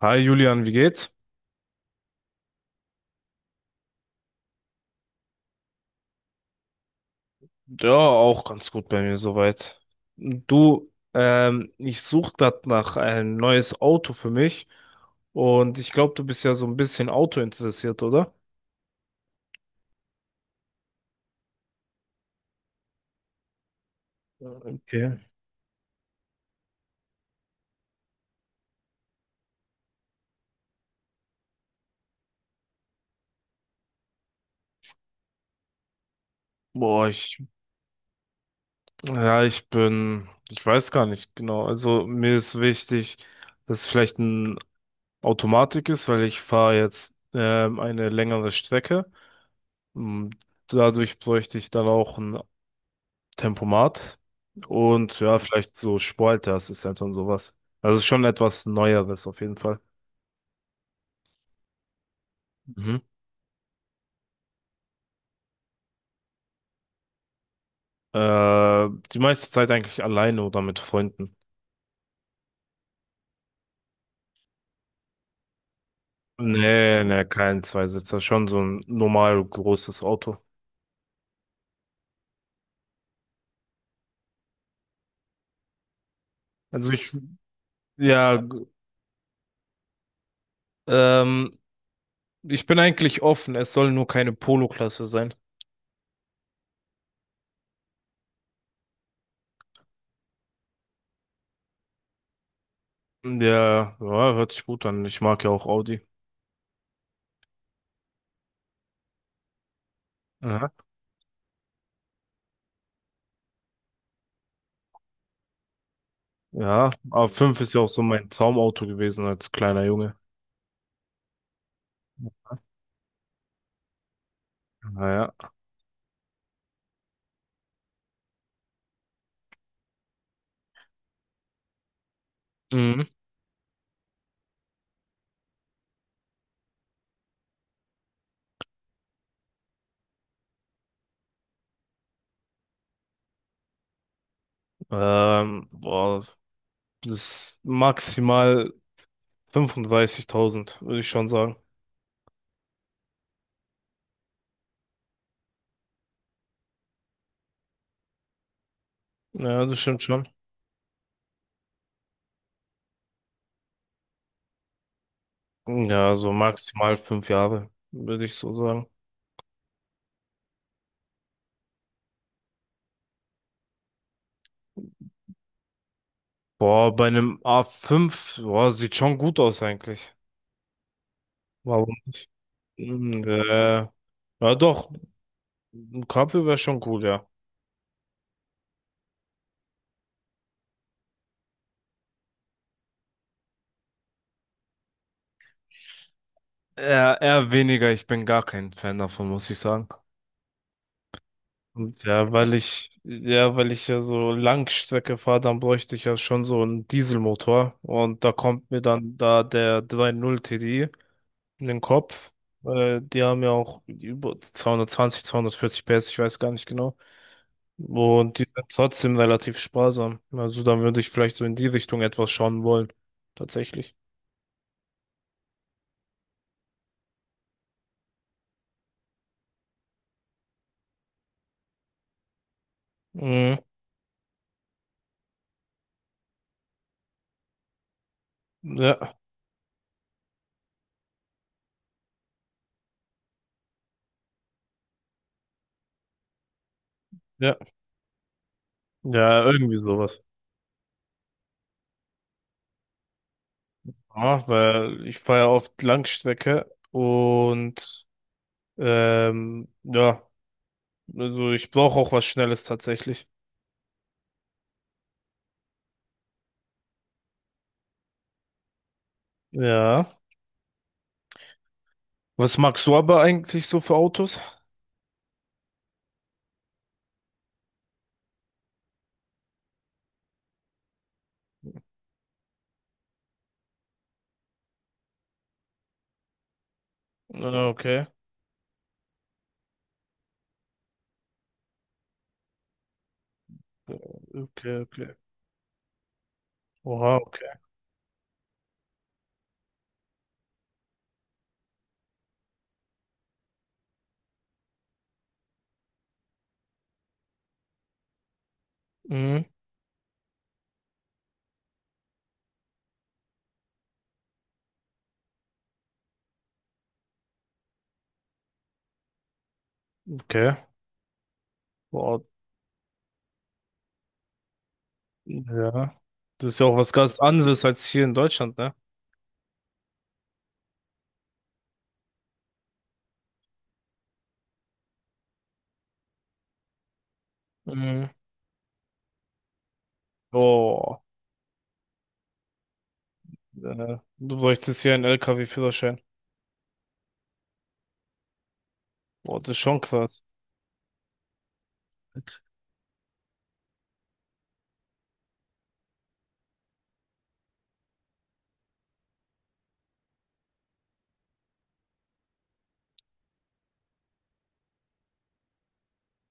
Hi Julian, wie geht's? Ja, auch ganz gut bei mir soweit. Du, ich suche gerade nach ein neues Auto für mich, und ich glaube, du bist ja so ein bisschen Auto interessiert, oder? Okay. Boah, ja, ich weiß gar nicht genau. Also mir ist wichtig, dass es vielleicht ein Automatik ist, weil ich fahre jetzt eine längere Strecke. Mm, Dadurch bräuchte ich dann auch ein Tempomat und ja, vielleicht so Sportleisterassistent und sowas. Also schon etwas Neueres auf jeden Fall. Mhm. Äh, die meiste Zeit eigentlich alleine oder mit Freunden. Nee, nee, kein Zweisitzer, schon so ein normal großes Auto. Also ja, ähm, ich bin eigentlich offen, es soll nur keine Polo-Klasse sein. Ja, ja, hört sich gut an. Ich mag ja auch Audi. Aha. Ja, A5 ist ja auch so mein Traumauto gewesen als kleiner Junge. Naja. Boah, das maximal 35.000 würde ich schon sagen. Ja, das stimmt schon. Ja, so maximal 5 Jahre, würde ich so sagen. Boah, bei einem A5, boah, sieht schon gut aus eigentlich. Warum nicht? Hm, äh, ja doch, ein Cabrio wäre schon cool, ja. Eher, eher weniger, ich bin gar kein Fan davon, muss ich sagen. Und ja, weil ich ja so Langstrecke fahre, dann bräuchte ich ja schon so einen Dieselmotor. Und da kommt mir dann da der 3.0 TDI in den Kopf. Die haben ja auch über 220, 240 PS, ich weiß gar nicht genau. Und die sind trotzdem relativ sparsam. Also dann würde ich vielleicht so in die Richtung etwas schauen wollen. Tatsächlich. Mhm. Ja, ja, ja, irgendwie sowas. Ja, weil ich fahre ja oft Langstrecke und ja, also ich brauche auch was Schnelles tatsächlich. Ja. Was magst du aber eigentlich so für Autos? Ah, okay. Okay, okay. Oha, okay. Mhm, okay. Boah, ja. Das ist ja auch was ganz anderes als hier in Deutschland, ne? Mhm. Oh, du bräuchtest hier einen LKW-Führerschein. Boah, das ist schon krass.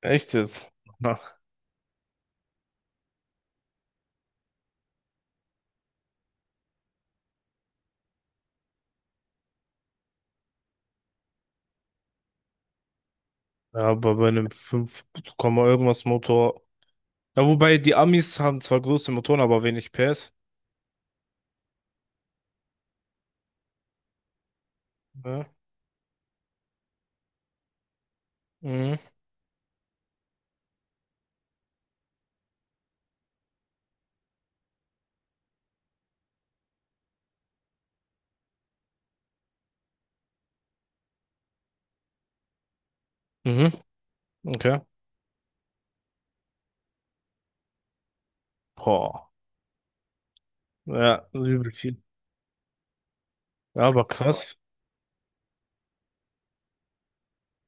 Echt jetzt? Na, ja, aber bei einem fünf Komma irgendwas Motor. Ja, wobei die Amis haben zwar große Motoren, aber wenig PS. Ja. Mhm. Mhm. Okay. Boah. Ja, übel viel. Ja, aber krass.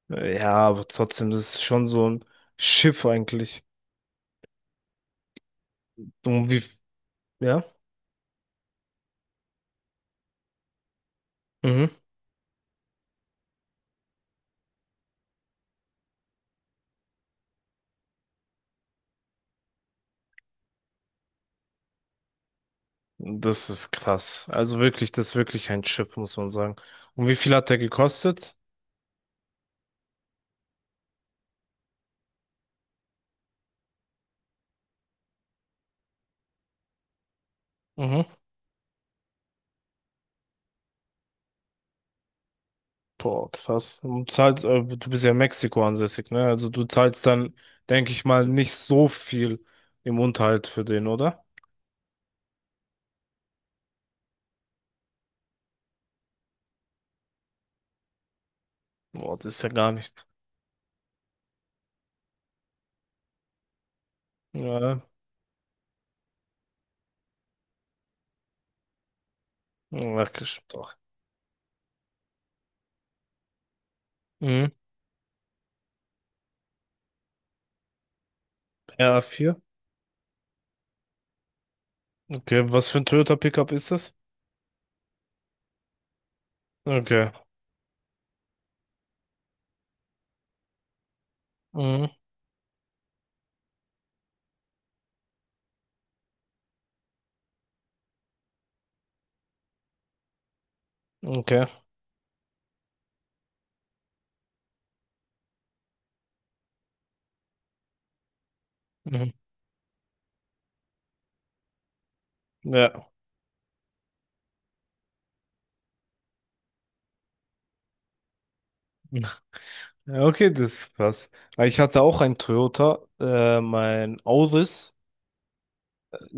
Ja, aber trotzdem, das ist schon so ein Schiff eigentlich. Und wie, ja? Mhm. Das ist krass. Also wirklich, das ist wirklich ein Schiff, muss man sagen. Und wie viel hat der gekostet? Mhm. Boah, krass. Du bist ja in Mexiko ansässig, ne? Also du zahlst dann, denke ich mal, nicht so viel im Unterhalt für den, oder? Boah, das ist ja gar nicht. Ja, ja, doch. Mhm. Ra vier, okay, was für ein Toyota Pickup ist das? Okay. Mhm. Okay. Mhm. Ja. Ja, okay, das ist krass. Weil ich hatte auch einen Toyota, mein Auris.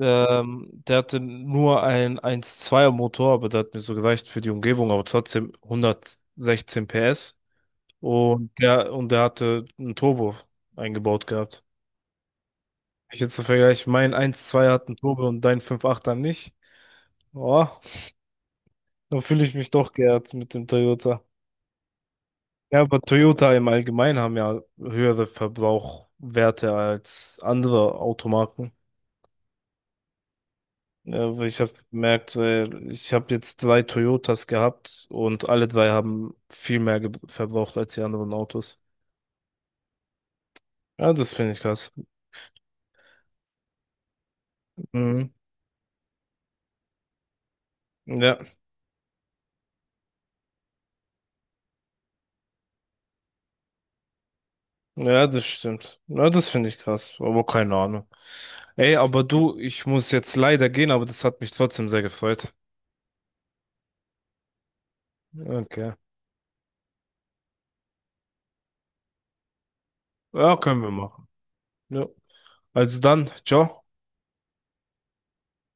Der hatte nur einen 1.2er Motor, aber der hat mir so gereicht für die Umgebung, aber trotzdem 116 PS. Und der hatte einen Turbo eingebaut gehabt. Ich jetzt so vergleiche, mein 12 zwei hat einen Turbo und dein 5.8er nicht. Boah, dann fühle ich mich doch geehrt mit dem Toyota. Ja, aber Toyota im Allgemeinen haben ja höhere Verbrauchwerte als andere Automarken. Ja, weil ich habe gemerkt, ich habe jetzt drei Toyotas gehabt und alle drei haben viel mehr verbraucht als die anderen Autos. Ja, das finde ich krass. Mhm. Ja, ja, das stimmt. Ja, das finde ich krass, aber keine Ahnung. Ey, aber du, ich muss jetzt leider gehen, aber das hat mich trotzdem sehr gefreut. Okay. Ja, können wir machen. Ja. Also dann, ciao.